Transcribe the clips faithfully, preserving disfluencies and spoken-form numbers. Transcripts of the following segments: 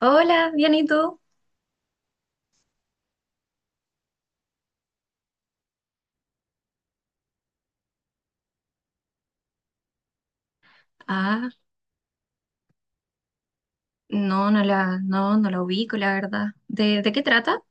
Hola, bien, ¿y tú? Ah, no, no la, no, no la ubico, la verdad. ¿De, de qué trata?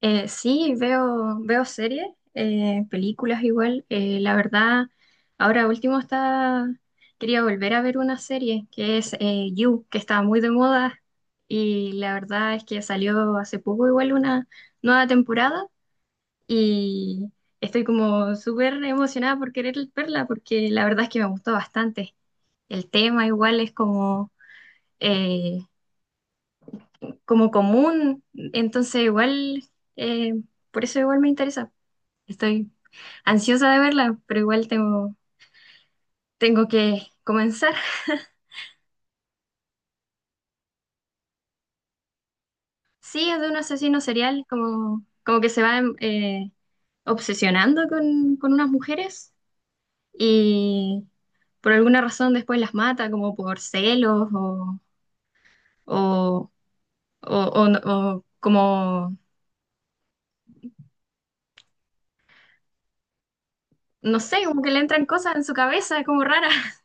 Eh, sí, veo, veo series, eh, películas igual. Eh, la verdad, ahora último está, quería volver a ver una serie que es eh, You, que está muy de moda. Y la verdad es que salió hace poco igual una nueva temporada y estoy como súper emocionada por querer verla porque la verdad es que me gustó bastante. El tema igual es como eh, como común, entonces igual, eh, por eso igual me interesa. Estoy ansiosa de verla, pero igual tengo, tengo que comenzar. Sí, es de un asesino serial, como, como que se va em, eh, obsesionando con, con unas mujeres y por alguna razón después las mata, como por celos o, o, o- o no- o como, no sé, como que le entran cosas en su cabeza, es como rara.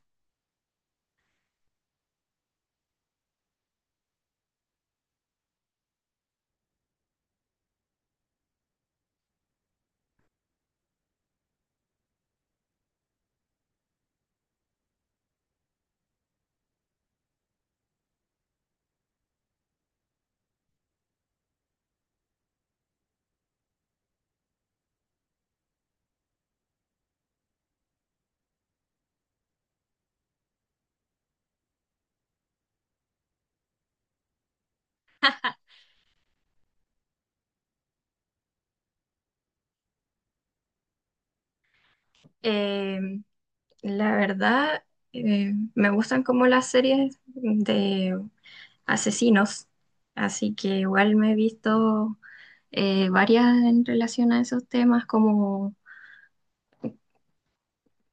Eh, La verdad, eh, me gustan como las series de asesinos, así que igual me he visto eh, varias en relación a esos temas, como,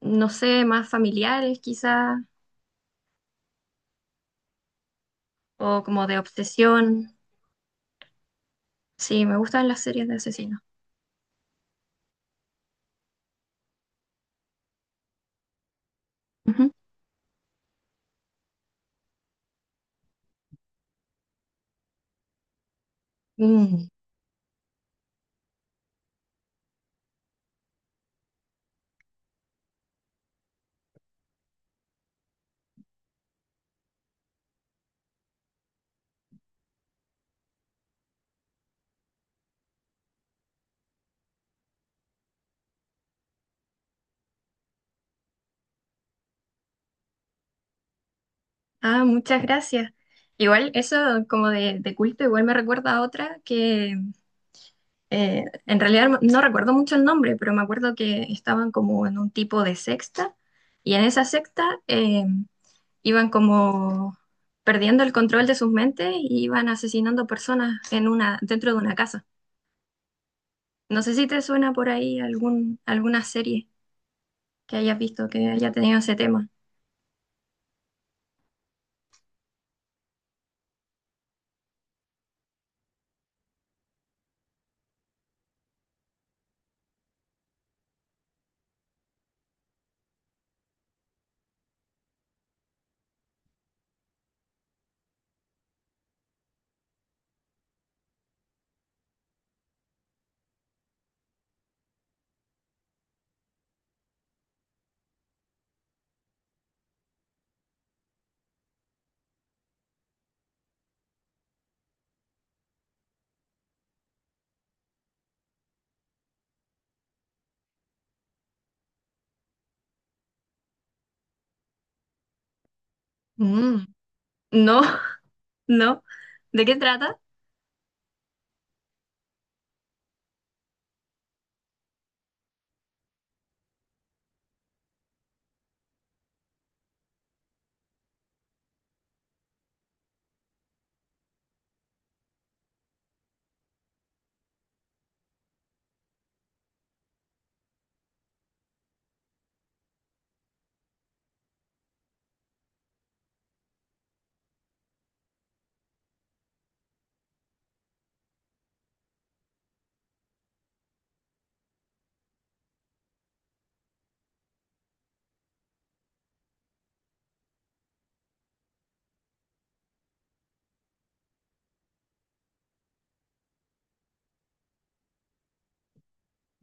no sé, más familiares quizás, o como de obsesión. Sí, me gustan las series de asesinos. Ujú. Mm. Ah, muchas gracias. Igual eso como de, de culto, igual me recuerda a otra que eh, en realidad no recuerdo mucho el nombre, pero me acuerdo que estaban como en un tipo de secta y en esa secta eh, iban como perdiendo el control de sus mentes y iban asesinando personas en una, dentro de una casa. No sé si te suena por ahí algún, alguna serie que hayas visto que haya tenido ese tema. Mm. No, no. ¿De qué trata?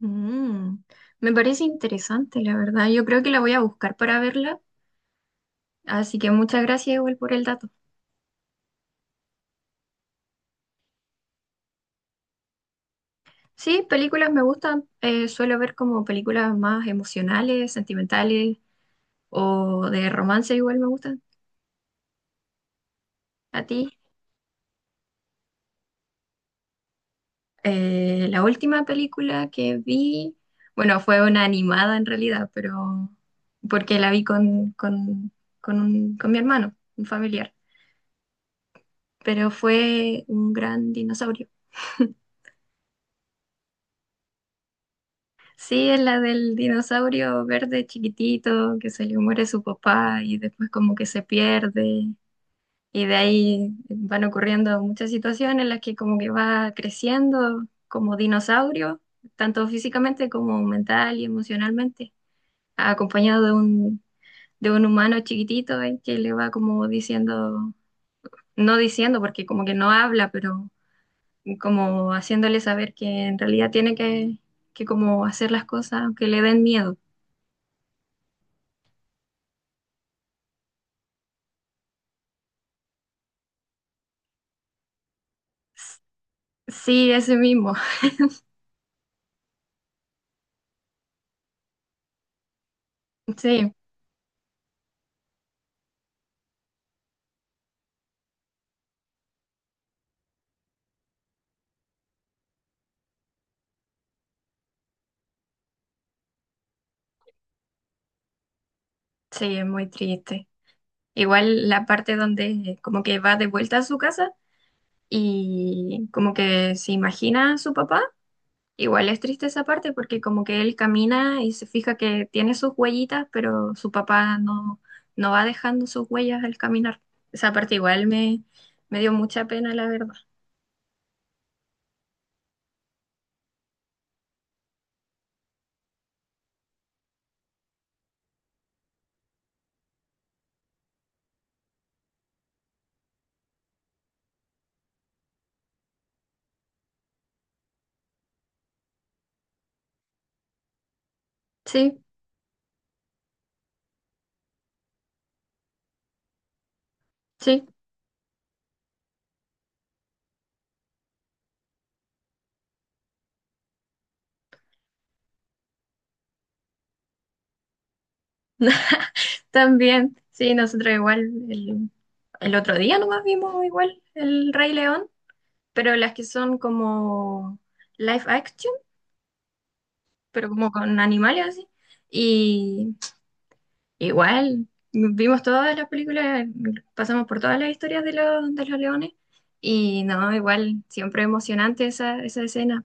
Mm. Me parece interesante, la verdad. Yo creo que la voy a buscar para verla. Así que muchas gracias igual por el dato. Sí, películas me gustan. Eh, suelo ver como películas más emocionales, sentimentales o de romance igual me gustan. ¿A ti? Eh, la última película que vi, bueno, fue una animada en realidad, pero porque la vi con, con, con, un- con mi hermano, un familiar, pero fue un gran dinosaurio. Sí, es la del dinosaurio verde chiquitito que se le muere su papá y después como que se pierde. Y de ahí van ocurriendo muchas situaciones en las que como que va creciendo como dinosaurio, tanto físicamente como mental y emocionalmente, acompañado de un, de un humano chiquitito ahí que le va como diciendo, no diciendo porque como que no habla, pero como haciéndole saber que en realidad tiene que, que como hacer las cosas aunque le den miedo. Sí, ese mismo. Sí, sí, es muy triste. Igual la parte donde como que va de vuelta a su casa y como que se imagina a su papá, igual es triste esa parte porque como que él camina y se fija que tiene sus huellitas, pero su papá no, no va dejando sus huellas al caminar. Esa parte igual me, me dio mucha pena, la verdad. Sí, sí, también. Sí, nosotros igual el, el otro día nomás vimos igual el Rey León, pero las que son como live action, pero como con animales así. Y igual, vimos todas las películas, pasamos por todas las historias de los, de los leones y no, igual, siempre emocionante esa, esa escena.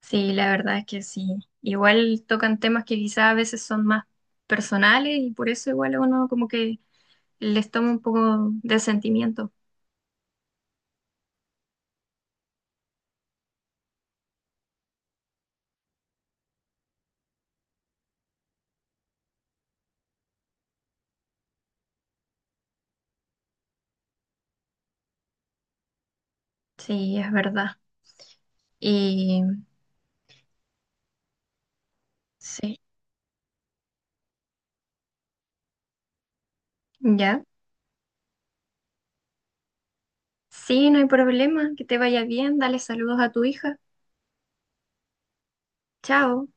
Sí, la verdad es que sí. Igual tocan temas que quizás a veces son más personales y por eso igual a uno como que les toma un poco de sentimiento. Sí, es verdad. Y sí, ya. Sí, no hay problema, que te vaya bien, dale saludos a tu hija. Chao.